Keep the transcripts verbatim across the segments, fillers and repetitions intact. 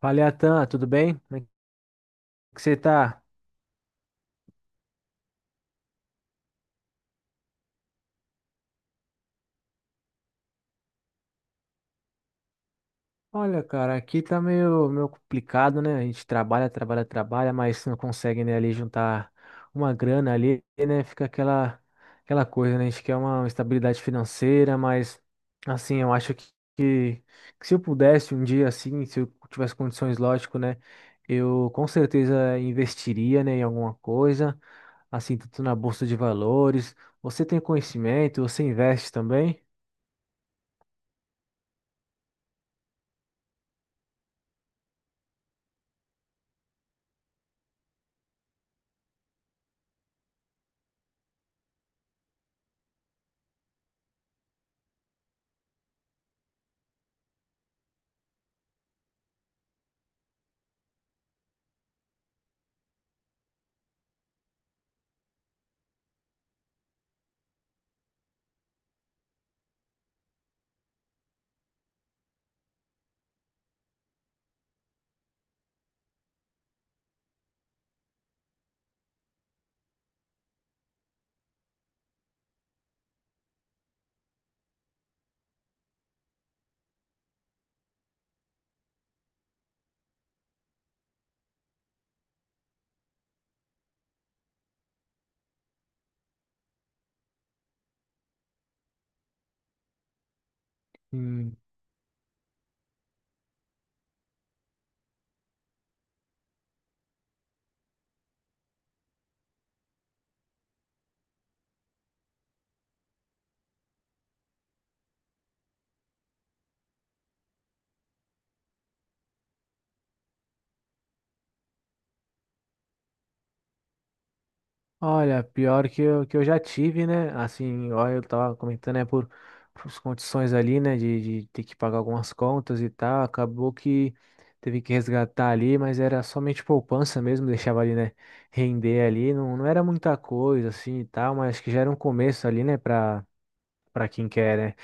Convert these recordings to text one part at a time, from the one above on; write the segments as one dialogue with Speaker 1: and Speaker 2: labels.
Speaker 1: Fala, Atan, tudo bem? Como é que você tá? Olha, cara, aqui tá meio, meio complicado, né? A gente trabalha, trabalha, trabalha, mas não consegue, né, ali juntar uma grana ali, né? Fica aquela, aquela coisa, né? A gente quer uma estabilidade financeira, mas, assim, eu acho que, que, que se eu pudesse um dia, assim, se eu tivesse condições, lógico, né? Eu com certeza investiria, né, em alguma coisa, assim, tanto na bolsa de valores. Você tem conhecimento? Você investe também? Olha, pior que eu, que eu já tive, né? Assim, olha, eu tava comentando, né, por, por as condições ali, né, de, de ter que pagar algumas contas e tal, acabou que teve que resgatar ali, mas era somente poupança mesmo, deixava ali, né, render ali, não, não era muita coisa, assim, e tal, mas acho que já era um começo ali, né, para quem quer, né,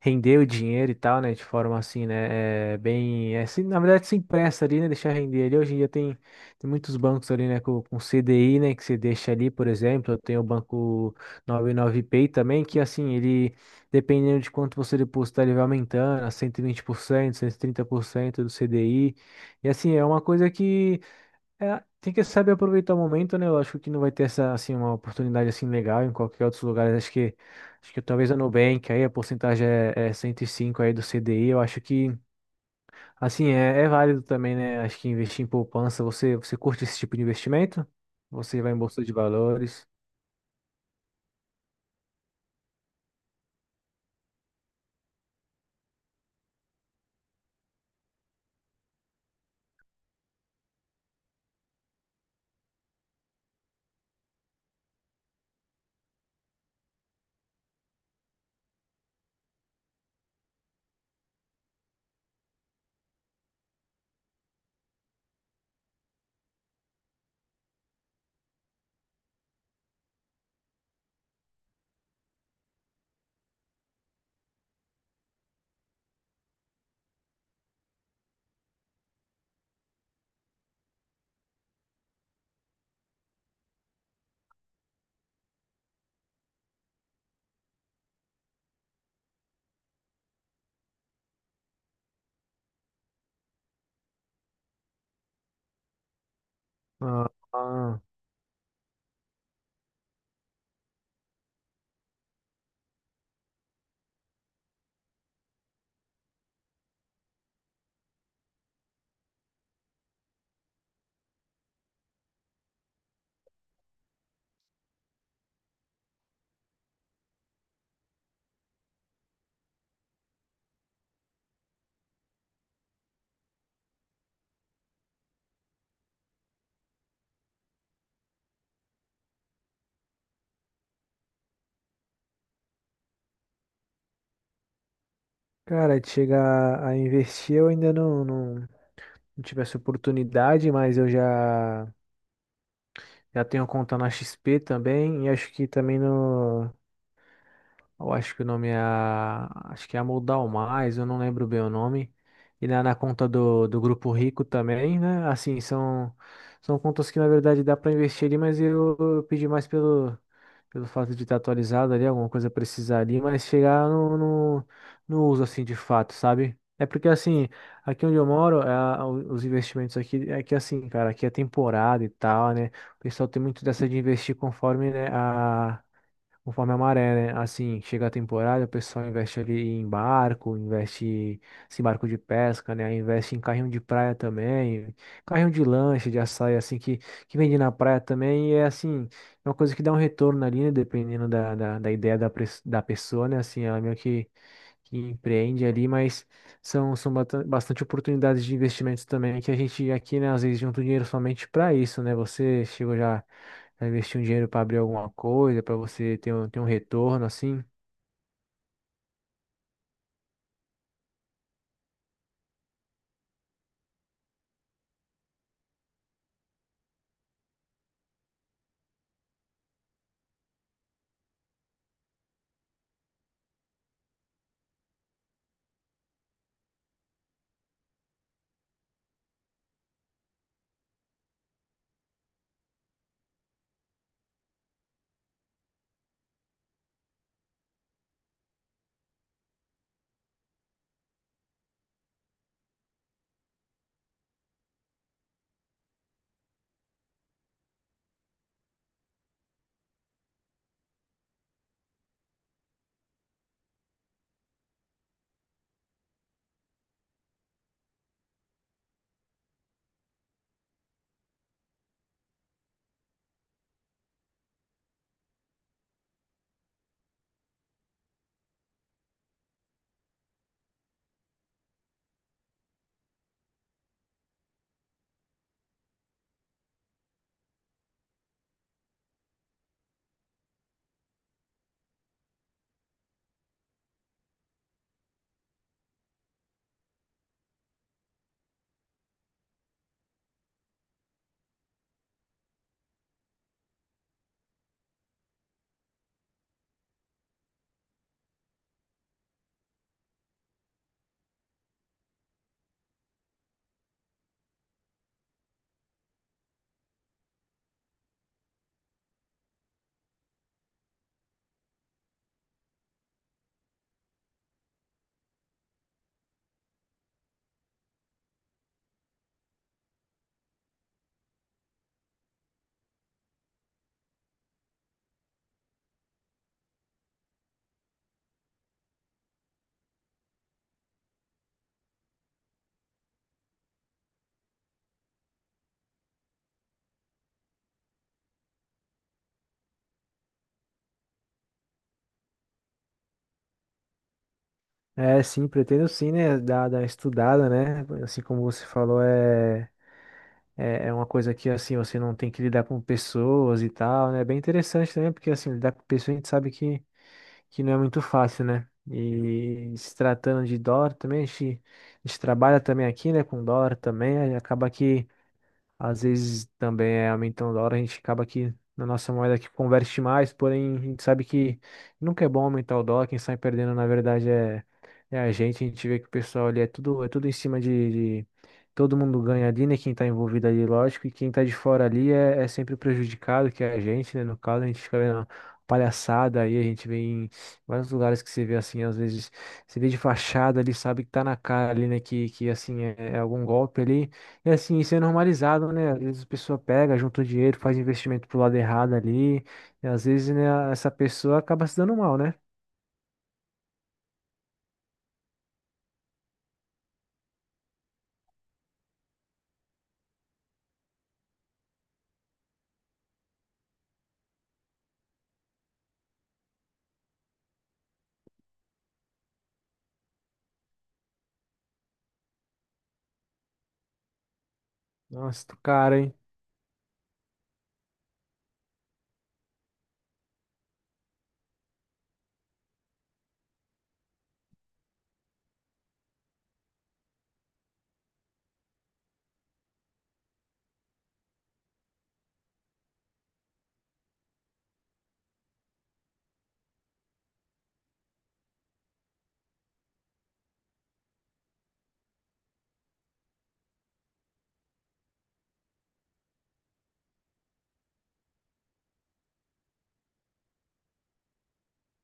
Speaker 1: render o dinheiro e tal, né, de forma assim, né, é, bem, é, assim, na verdade se empresta ali, né, deixar render ali. Hoje em dia tem, tem muitos bancos ali, né, com, com C D I, né, que você deixa ali, por exemplo, eu tenho o banco noventa e nove pay também, que assim, ele, dependendo de quanto você depositar, ele vai aumentando a cento cento, cento e e vinte por cento, cento e trinta por cento do C D I, e assim, é uma coisa que é, tem que saber aproveitar o momento, né? Eu acho que não vai ter essa, assim, uma oportunidade assim legal em qualquer outro lugar. Acho que, acho que talvez a Nubank, aí a porcentagem é, é cento e cinco aí do C D I. Eu acho que, assim, é, é válido também, né? Acho que investir em poupança, você, você curte esse tipo de investimento? Você vai em bolsa de valores? Ah, ah. Cara, de chegar a investir, eu ainda não, não, não tive essa oportunidade, mas eu já, já tenho conta na X P também, e acho que também no. Eu acho que o nome é. a- Acho que é Amoldar Mais, eu não lembro bem o nome. E na, na conta do, do Grupo Rico também, né? Assim, são, são contas que na verdade dá para investir ali, mas eu, eu pedi mais pelo, pelo fato de estar atualizado ali, alguma coisa precisar ali, mas chegar no, no, no uso assim de fato, sabe? É porque assim, aqui onde eu moro, é, o- os investimentos aqui, é que assim, cara, aqui é temporada e tal, né? O pessoal tem muito dessa de investir conforme, né, a. Conforme a maré, né? Assim, chega a temporada, o pessoal investe ali em barco, investe em barco de pesca, né? Investe em carrinho de praia também, carrinho de lanche, de açaí, assim, que, que vende na praia também. E é assim, é uma coisa que dá um retorno ali, né? Dependendo da, da, da ideia da, pres- da pessoa, né? Assim, ela meio que, que empreende ali, mas são, são bata- bastante oportunidades de investimentos também que a gente aqui, né? Às vezes junta o dinheiro somente para isso, né? Você chegou já. Pra investir um dinheiro para abrir alguma coisa, para você ter um, ter um retorno assim? É, sim, pretendo sim, né? Dar, dar uma estudada, né? Assim como você falou, é, é, é uma coisa que assim você não tem que lidar com pessoas e tal, né? É bem interessante também, porque assim, lidar com pessoas a gente sabe que, que não é muito fácil, né? E se tratando de dólar também, a gente, a gente trabalha também aqui, né? Com dólar também, aí acaba que. Às vezes também é aumentando o dólar, a gente acaba que na nossa moeda que converte mais, porém a gente sabe que nunca é bom aumentar o dólar, quem sai perdendo na verdade é, é a gente, a gente vê que o pessoal ali é tudo, é tudo em cima de, de- todo mundo ganha ali, né? Quem tá envolvido ali, lógico, e quem tá de fora ali é, é sempre o prejudicado, que é a gente, né? No caso, a gente fica vendo palhaçada aí, a gente vê em vários lugares que você vê assim, às vezes, você vê de fachada ali, sabe que tá na cara ali, né? Que, que assim, é é algum golpe ali. É assim, isso é normalizado, né? Às vezes a pessoa pega, junta o dinheiro, faz investimento pro lado errado ali, e às vezes, né, essa pessoa acaba se dando mal, né? Nossa, tu cara, hein?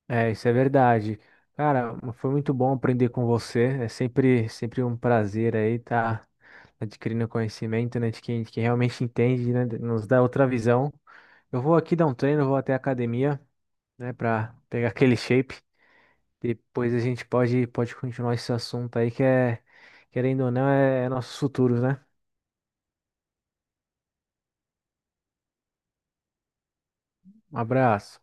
Speaker 1: É, isso é verdade. Cara, foi muito bom aprender com você. É sempre, sempre um prazer aí estar adquirindo conhecimento, né, de quem, de quem realmente entende, né, nos dá outra visão. Eu vou aqui dar um treino, vou até a academia, né, para pegar aquele shape. Depois a gente pode, pode continuar esse assunto aí que é, querendo ou não, é, é nossos futuros, né? Um abraço.